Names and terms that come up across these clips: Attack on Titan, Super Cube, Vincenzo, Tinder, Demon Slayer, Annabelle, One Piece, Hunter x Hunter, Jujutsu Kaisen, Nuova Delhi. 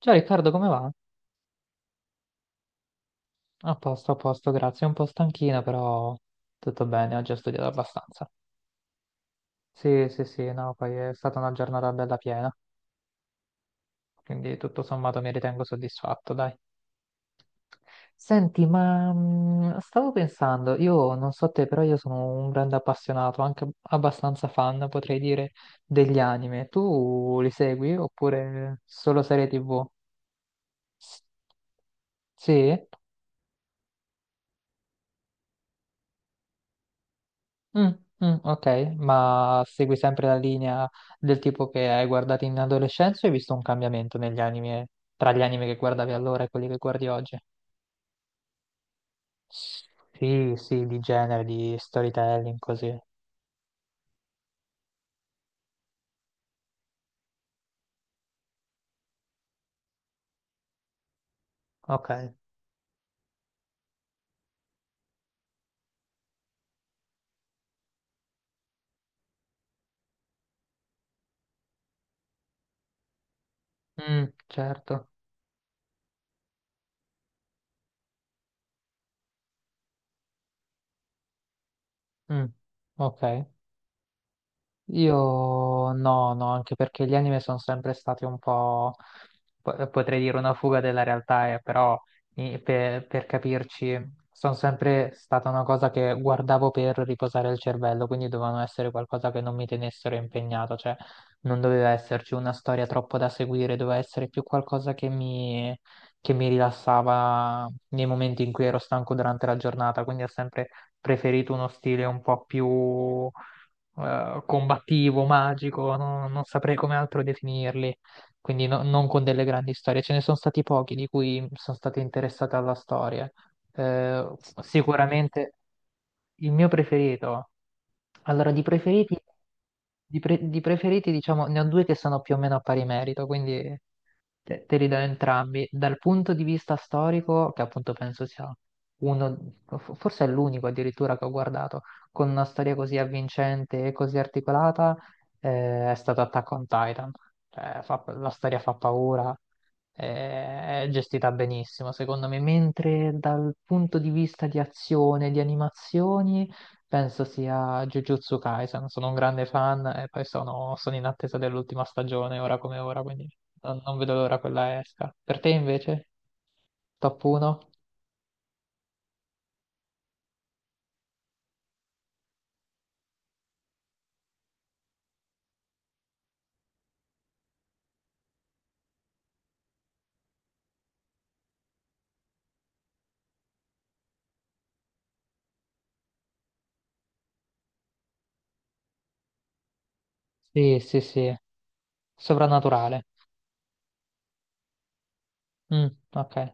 Ciao Riccardo, come va? A posto, grazie. Un po' stanchino, però tutto bene, oggi ho studiato abbastanza. Sì, sì, sì, no, poi è stata una giornata bella piena, quindi tutto sommato mi ritengo soddisfatto, dai. Senti, ma stavo pensando, io non so te, però io sono un grande appassionato, anche abbastanza fan, potrei dire, degli anime. Tu li segui oppure solo serie TV? S- Sì? Mm, mm, ok, ma segui sempre la linea del tipo che hai guardato in adolescenza o hai visto un cambiamento negli anime, tra gli anime che guardavi allora e quelli che guardi oggi? Sì, sì, di genere, di storytelling, così. Ok. Mm, certo. Mm, ok. Io no, no, anche perché gli anime sono sempre stati un po', potrei dire una fuga della realtà, però per capirci, sono sempre stata una cosa che guardavo per riposare il cervello, quindi dovevano essere qualcosa che non mi tenessero impegnato, cioè non doveva esserci una storia troppo da seguire, doveva essere più qualcosa che che mi rilassava nei momenti in cui ero stanco durante la giornata, quindi ho sempre preferito uno stile un po' più combattivo, magico, non saprei come altro definirli, quindi non con delle grandi storie. Ce ne sono stati pochi di cui sono stato interessato alla storia. Eh, sicuramente il mio preferito, allora, di preferiti, di preferiti, diciamo, ne ho due che sono più o meno a pari merito, quindi te li do entrambi. Dal punto di vista storico, che appunto penso sia uno, forse è l'unico addirittura che ho guardato, con una storia così avvincente e così articolata, è stato Attack on Titan. Cioè, la storia fa paura, è gestita benissimo, secondo me. Mentre dal punto di vista di azione, di animazioni. Penso sia Jujutsu Kaisen, sono un grande fan e poi sono in attesa dell'ultima stagione, ora come ora, quindi non vedo l'ora quella esca. Per te invece? Top 1? Sì, sì, sì, soprannaturale. Mm, ok.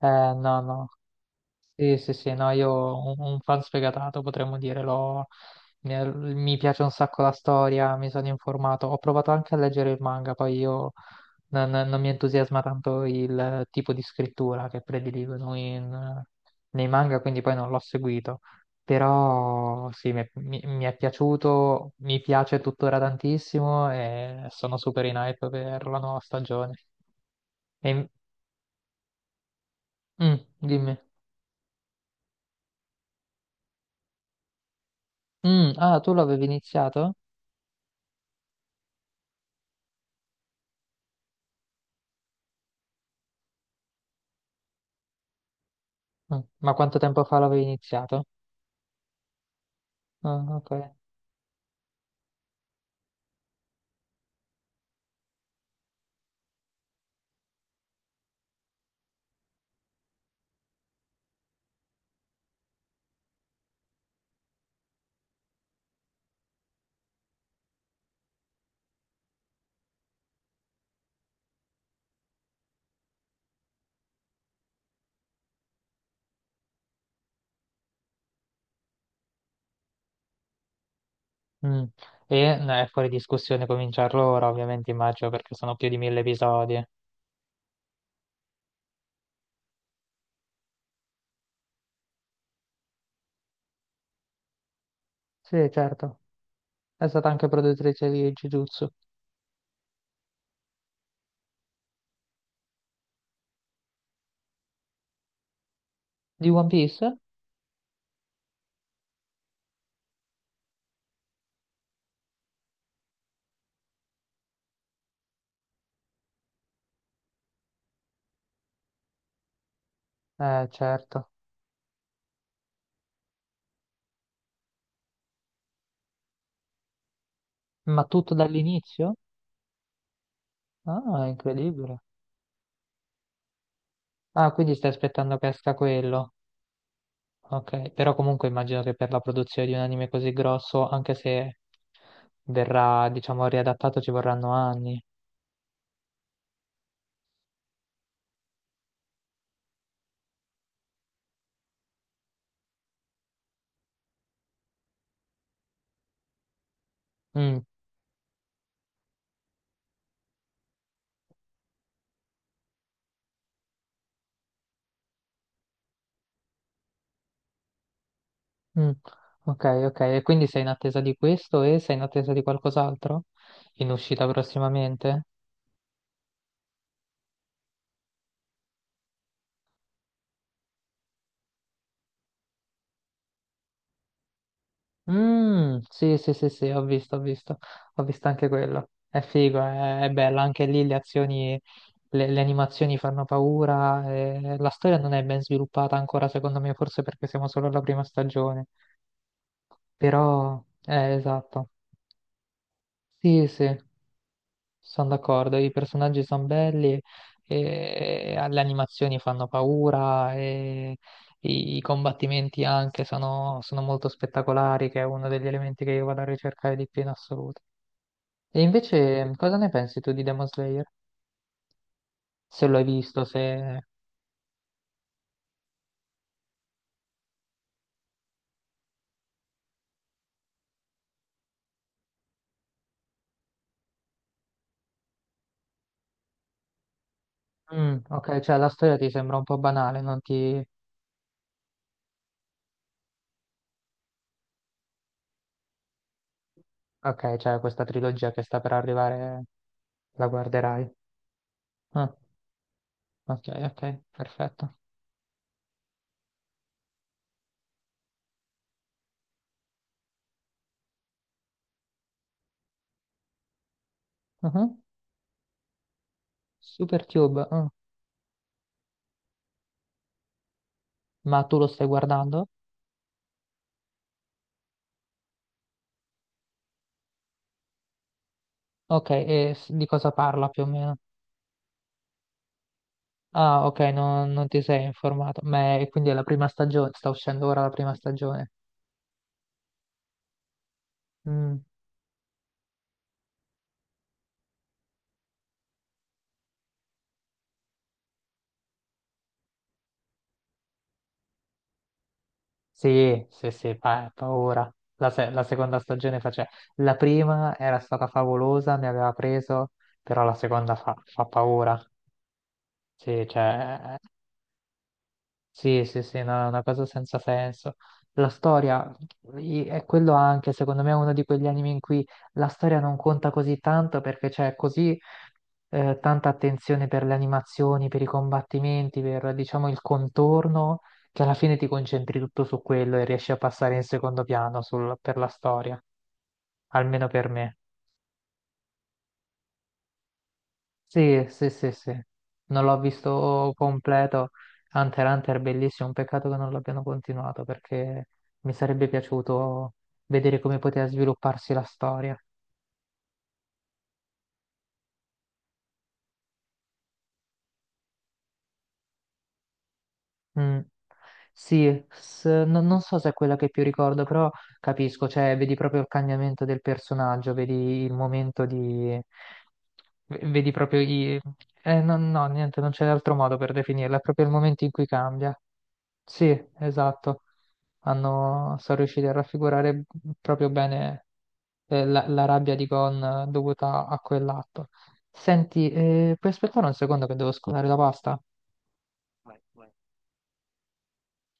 No, no. Sì, sì, sì, no, io un fan sfegatato potremmo dire, mi piace un sacco la storia, mi sono informato, ho provato anche a leggere il manga, poi io non mi entusiasma tanto il tipo di scrittura che prediligono nei manga, quindi poi non l'ho seguito, però sì, mi è piaciuto, mi piace tuttora tantissimo e sono super in hype per la nuova stagione. E- mm, dimmi. Mm, ah, tu l'avevi iniziato? Mm. Ma quanto tempo fa l'avevi iniziato? Ah, ok. Mm. E no, è fuori discussione cominciarlo ora, ovviamente, immagino, perché sono più di 1000 episodi. Sì, certo. È stata anche produttrice di Jujutsu. Di One Piece? Certo. Ma tutto dall'inizio? Ah, incredibile. Ah, quindi stai aspettando che esca quello. Ok, però comunque immagino che per la produzione di un anime così grosso, anche se verrà, diciamo, riadattato, ci vorranno anni. Mm, mm, ok, ok, e quindi sei in attesa di questo e sei in attesa di qualcos'altro? In uscita prossimamente? Mm, sì, sì, sì, sì, ho visto, ho visto, ho visto anche quello. È figo, è bella, anche lì le azioni, le animazioni fanno paura, e la storia non è ben sviluppata ancora, secondo me, forse perché siamo solo alla prima stagione, però, esatto. Sì, sì. Sono d'accordo, i personaggi sono belli, e le animazioni fanno paura, e i combattimenti anche sono molto spettacolari, che è uno degli elementi che io vado a ricercare di più in assoluto. E invece cosa ne pensi tu di Demon Slayer? Se lo hai visto, se... Mm, ok, cioè la storia ti sembra un po' banale, non ti... Ok, cioè questa trilogia che sta per arrivare la guarderai. Ah, ok, ok, perfetto. Mhm. Super Cube, mm. Ma tu lo stai guardando? Ok, e di cosa parla più o meno? Ah, ok, non ti sei informato. Quindi è la prima stagione, sta uscendo ora la prima stagione. Mm, sì, sì, sì, paura. La, se- la seconda stagione face- La prima era stata favolosa, mi aveva preso, però la seconda fa paura. Sì, cioè, sì, sì, sì, no, è una cosa senza senso. La storia è quello anche, secondo me, è uno di quegli anime in cui la storia non conta così tanto perché c'è così tanta attenzione per le animazioni, per i combattimenti, per, diciamo, il contorno, che alla fine ti concentri tutto su quello e riesci a passare in secondo piano per la storia, almeno per me. Sì, sì, sì, sì. Non l'ho visto completo. Hunter x Hunter, bellissimo. Un peccato che non l'abbiano continuato perché mi sarebbe piaciuto vedere come poteva svilupparsi la storia. Mm. Sì, non so se è quella che più ricordo, però capisco, cioè vedi proprio il cambiamento del personaggio, vedi il momento di... vedi proprio i... no, no, niente, non c'è altro modo per definirla, è proprio il momento in cui cambia. Sì, esatto. Hanno, sono riusciti a raffigurare proprio bene la rabbia di Gon dovuta a quell'atto. Senti, puoi aspettare un secondo che devo scolare la pasta?